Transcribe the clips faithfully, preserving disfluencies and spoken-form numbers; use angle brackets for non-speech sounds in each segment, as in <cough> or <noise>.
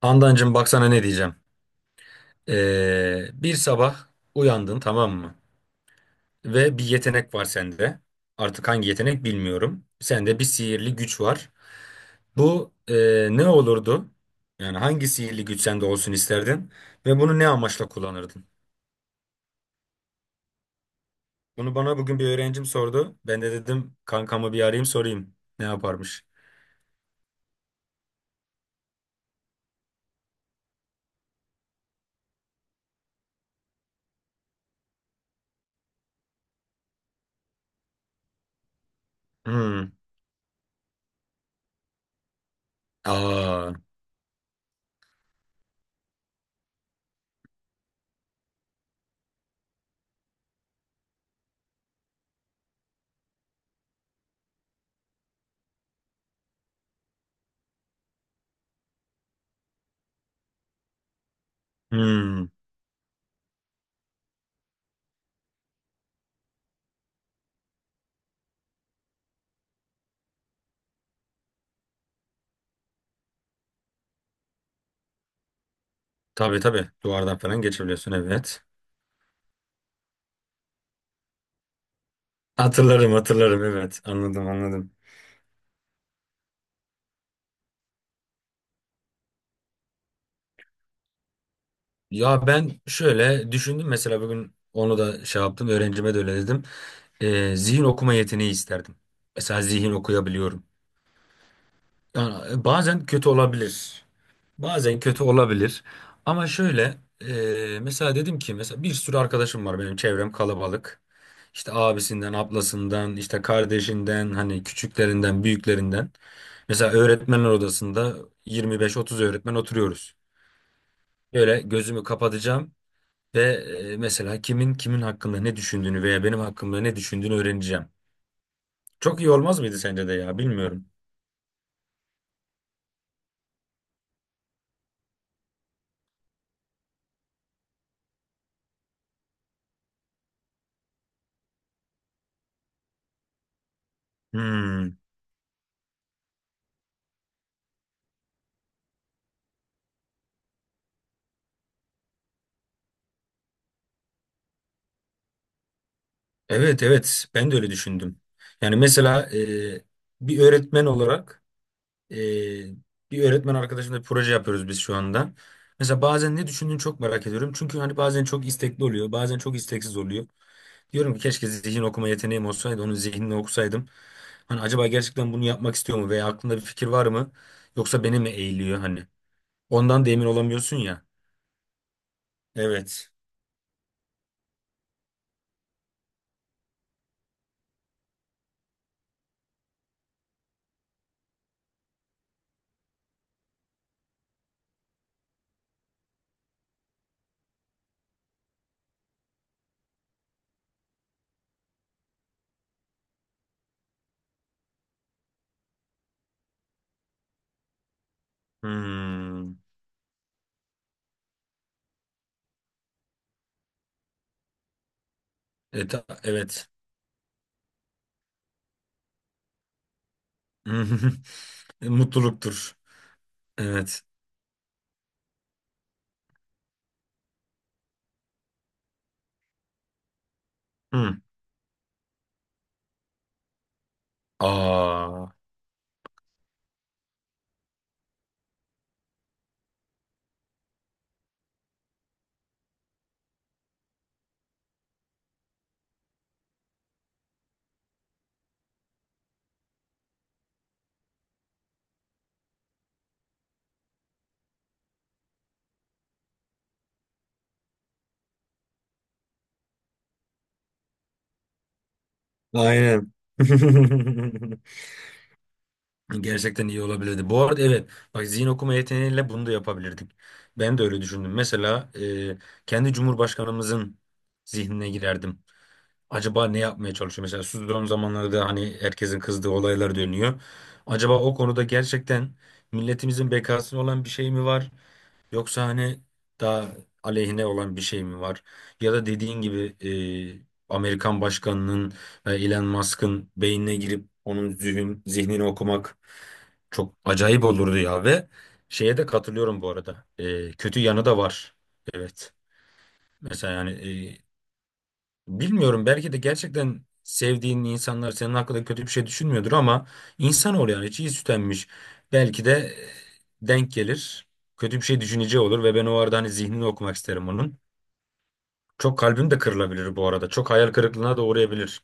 Handancığım baksana ne diyeceğim. Ee, bir sabah uyandın, tamam mı? Ve bir yetenek var sende. Artık hangi yetenek bilmiyorum. Sende bir sihirli güç var. Bu ee, ne olurdu? Yani hangi sihirli güç sende olsun isterdin? Ve bunu ne amaçla kullanırdın? Bunu bana bugün bir öğrencim sordu. Ben de dedim kankamı bir arayayım sorayım. Ne yaparmış? Hmm. Aa. Hmm. Tabii tabii, duvardan falan geçebiliyorsun, evet. Hatırlarım hatırlarım, evet. Anladım anladım. Ya ben şöyle düşündüm, mesela bugün onu da şey yaptım, öğrencime de öyle dedim. Ee, zihin okuma yeteneği isterdim. Mesela zihin okuyabiliyorum. Yani e, bazen kötü olabilir. Bazen kötü olabilir. Ama şöyle e, mesela dedim ki mesela bir sürü arkadaşım var, benim çevrem kalabalık. İşte abisinden, ablasından, işte kardeşinden, hani küçüklerinden, büyüklerinden. Mesela öğretmenler odasında yirmi beş otuz öğretmen oturuyoruz. Böyle gözümü kapatacağım. Ve e, mesela kimin kimin hakkında ne düşündüğünü veya benim hakkımda ne düşündüğünü öğreneceğim. Çok iyi olmaz mıydı sence de ya, bilmiyorum. Hmm. Evet evet, ben de öyle düşündüm. Yani mesela e, bir öğretmen olarak Ee, bir öğretmen arkadaşımla bir proje yapıyoruz biz şu anda. Mesela bazen ne düşündüğünü çok merak ediyorum. Çünkü hani bazen çok istekli oluyor, bazen çok isteksiz oluyor. Diyorum ki keşke zihin okuma yeteneğim olsaydı, onun zihnini okusaydım. Hani acaba gerçekten bunu yapmak istiyor mu veya aklında bir fikir var mı? Yoksa beni mi eğiliyor hani? Ondan da emin olamıyorsun ya. Evet. Hmm. E, ta- evet. <laughs> Mutluluktur. Evet. Hmm. Aa. Aynen. <laughs> Gerçekten iyi olabilirdi. Bu arada evet bak, zihin okuma yeteneğiyle bunu da yapabilirdik. Ben de öyle düşündüm. Mesela e, kendi Cumhurbaşkanımızın zihnine girerdim. Acaba ne yapmaya çalışıyor? Mesela son zamanlarda hani herkesin kızdığı olaylar dönüyor. Acaba o konuda gerçekten milletimizin bekasına olan bir şey mi var? Yoksa hani daha aleyhine olan bir şey mi var? Ya da dediğin gibi e, Amerikan başkanının ve Elon Musk'ın beynine girip onun zihin, zihnini okumak çok acayip olurdu ya. Ve şeye de katılıyorum bu arada. E, kötü yanı da var. Evet. Mesela yani e, bilmiyorum, belki de gerçekten sevdiğin insanlar senin hakkında kötü bir şey düşünmüyordur ama insanoğlu yani çiğ süt. Belki de e, denk gelir. Kötü bir şey düşüneceği olur ve ben o arada hani zihnini okumak isterim onun. Çok kalbim de kırılabilir bu arada. Çok hayal kırıklığına da uğrayabilir.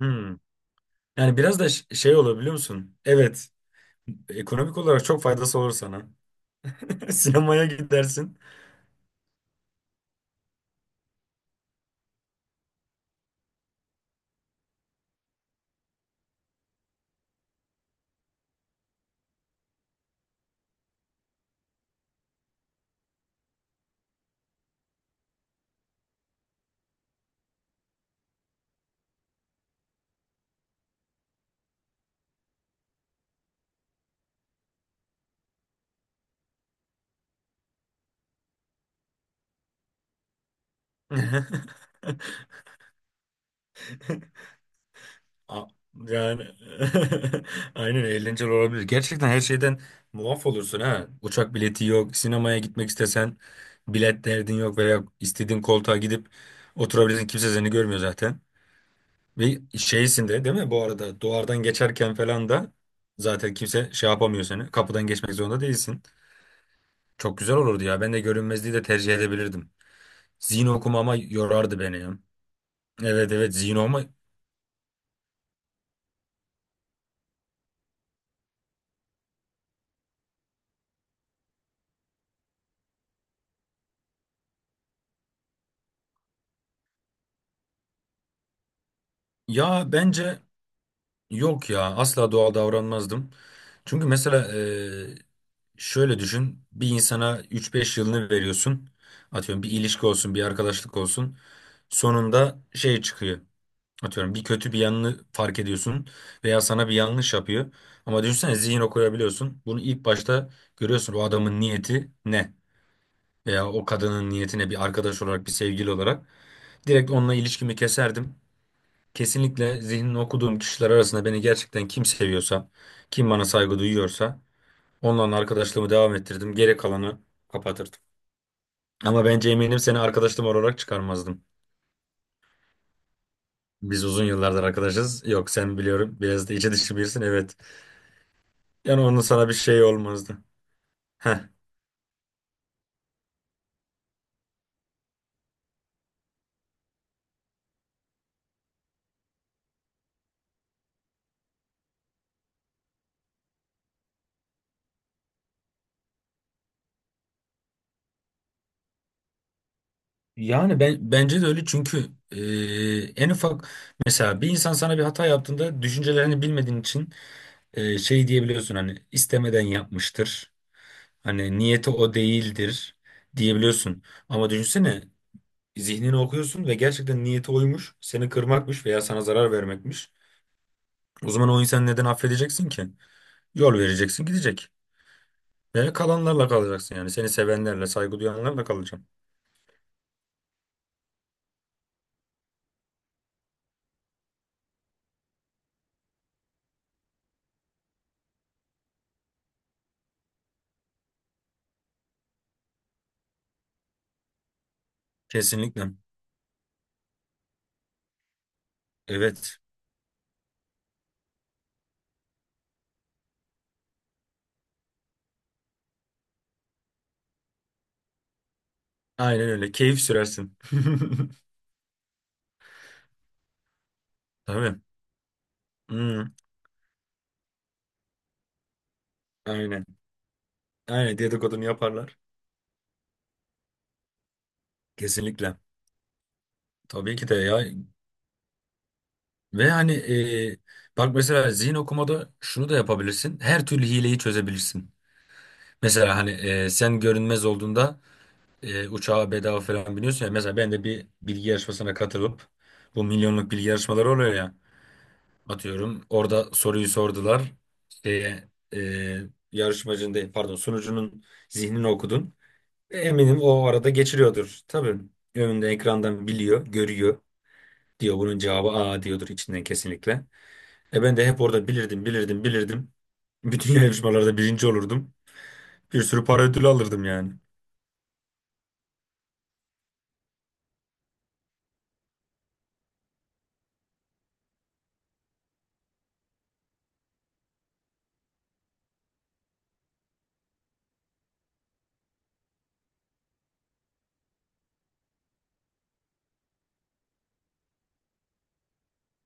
Hmm. Yani biraz da ş- şey olur biliyor musun? Evet. Ekonomik olarak çok faydası olur sana. <laughs> Sinemaya gidersin. <laughs> A- Yani <laughs> aynen, eğlenceli olabilir. Gerçekten her şeyden muaf olursun ha. Uçak bileti yok, sinemaya gitmek istesen bilet derdin yok veya istediğin koltuğa gidip oturabilirsin. Kimse seni görmüyor zaten. Ve şeysin de değil mi? Bu arada duvardan geçerken falan da zaten kimse şey yapamıyor seni. Kapıdan geçmek zorunda değilsin. Çok güzel olurdu ya. Ben de görünmezliği de tercih edebilirdim. Zihin okumama yorardı beni ya. Evet evet, zihin okuma. Ya bence, yok ya, asla doğal davranmazdım. Çünkü mesela e, şöyle düşün, bir insana üç beş yılını veriyorsun. Atıyorum bir ilişki olsun, bir arkadaşlık olsun. Sonunda şey çıkıyor. Atıyorum bir kötü bir yanını fark ediyorsun veya sana bir yanlış yapıyor. Ama düşünsene zihin okuyabiliyorsun. Bunu ilk başta görüyorsun, o adamın niyeti ne? Veya o kadının niyeti ne, bir arkadaş olarak, bir sevgili olarak. Direkt onunla ilişkimi keserdim. Kesinlikle zihnini okuduğum kişiler arasında beni gerçekten kim seviyorsa, kim bana saygı duyuyorsa onunla arkadaşlığımı devam ettirdim. Geri kalanı kapatırdım. Ama bence eminim seni arkadaşım olarak çıkarmazdım. Biz uzun yıllardır arkadaşız. Yok sen biliyorum, biraz da içi dışı birisin, evet. Yani onun sana bir şey olmazdı. Heh. Yani ben bence de öyle çünkü e, en ufak mesela bir insan sana bir hata yaptığında düşüncelerini bilmediğin için e, şey diyebiliyorsun, hani istemeden yapmıştır. Hani niyeti o değildir diyebiliyorsun. Ama düşünsene zihnini okuyorsun ve gerçekten niyeti oymuş. Seni kırmakmış veya sana zarar vermekmiş. O zaman o insanı neden affedeceksin ki? Yol vereceksin, gidecek. Ve kalanlarla kalacaksın yani. Seni sevenlerle, saygı duyanlarla kalacaksın. Kesinlikle. Evet. Aynen öyle. Keyif sürersin. <laughs> Tabii. Hmm, aynen. Aynen dedikodunu yaparlar. Kesinlikle. Tabii ki de ya. Ve hani e, bak mesela zihin okumada şunu da yapabilirsin. Her türlü hileyi çözebilirsin. Mesela hani e, sen görünmez olduğunda e, uçağa bedava falan biniyorsun ya. Mesela ben de bir bilgi yarışmasına katılıp bu milyonluk bilgi yarışmaları oluyor ya. Atıyorum orada soruyu sordular. Şeye, e, yarışmacının değil, pardon, sunucunun zihnini okudun. E, eminim o arada geçiriyordur. Tabii önünde ekrandan biliyor, görüyor. Diyor bunun cevabı A diyordur içinden kesinlikle. E ben de hep orada bilirdim, bilirdim, bilirdim. Bütün <laughs> yarışmalarda birinci olurdum. Bir sürü para ödülü alırdım yani.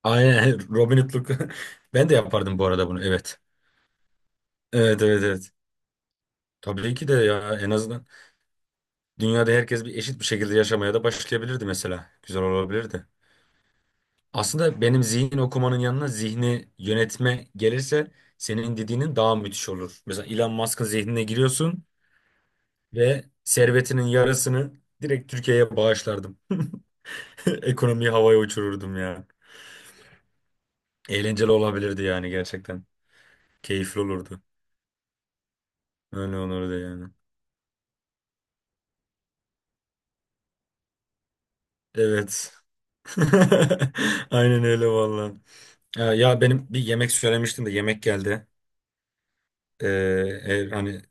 Aynen <laughs> Robin Hood'luk. <laughs> Ben de yapardım bu arada bunu, evet. Evet evet evet. Tabii ki de ya, en azından dünyada herkes bir eşit bir şekilde yaşamaya da başlayabilirdi mesela. Güzel olabilirdi. Aslında benim zihin okumanın yanına zihni yönetme gelirse senin dediğinin daha müthiş olur. Mesela Elon Musk'ın zihnine giriyorsun ve servetinin yarısını direkt Türkiye'ye bağışlardım. <laughs> <laughs> Ekonomiyi havaya uçururdum ya. Eğlenceli olabilirdi yani gerçekten. Keyifli olurdu. Öyle olurdu yani. Evet. <laughs> Aynen öyle valla. Ya, ya benim bir yemek söylemiştim de yemek geldi. Ee, e, hani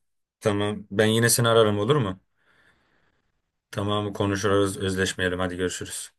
tamam, ben yine seni ararım olur mu? Tamam konuşuruz, özleşmeyelim, hadi görüşürüz.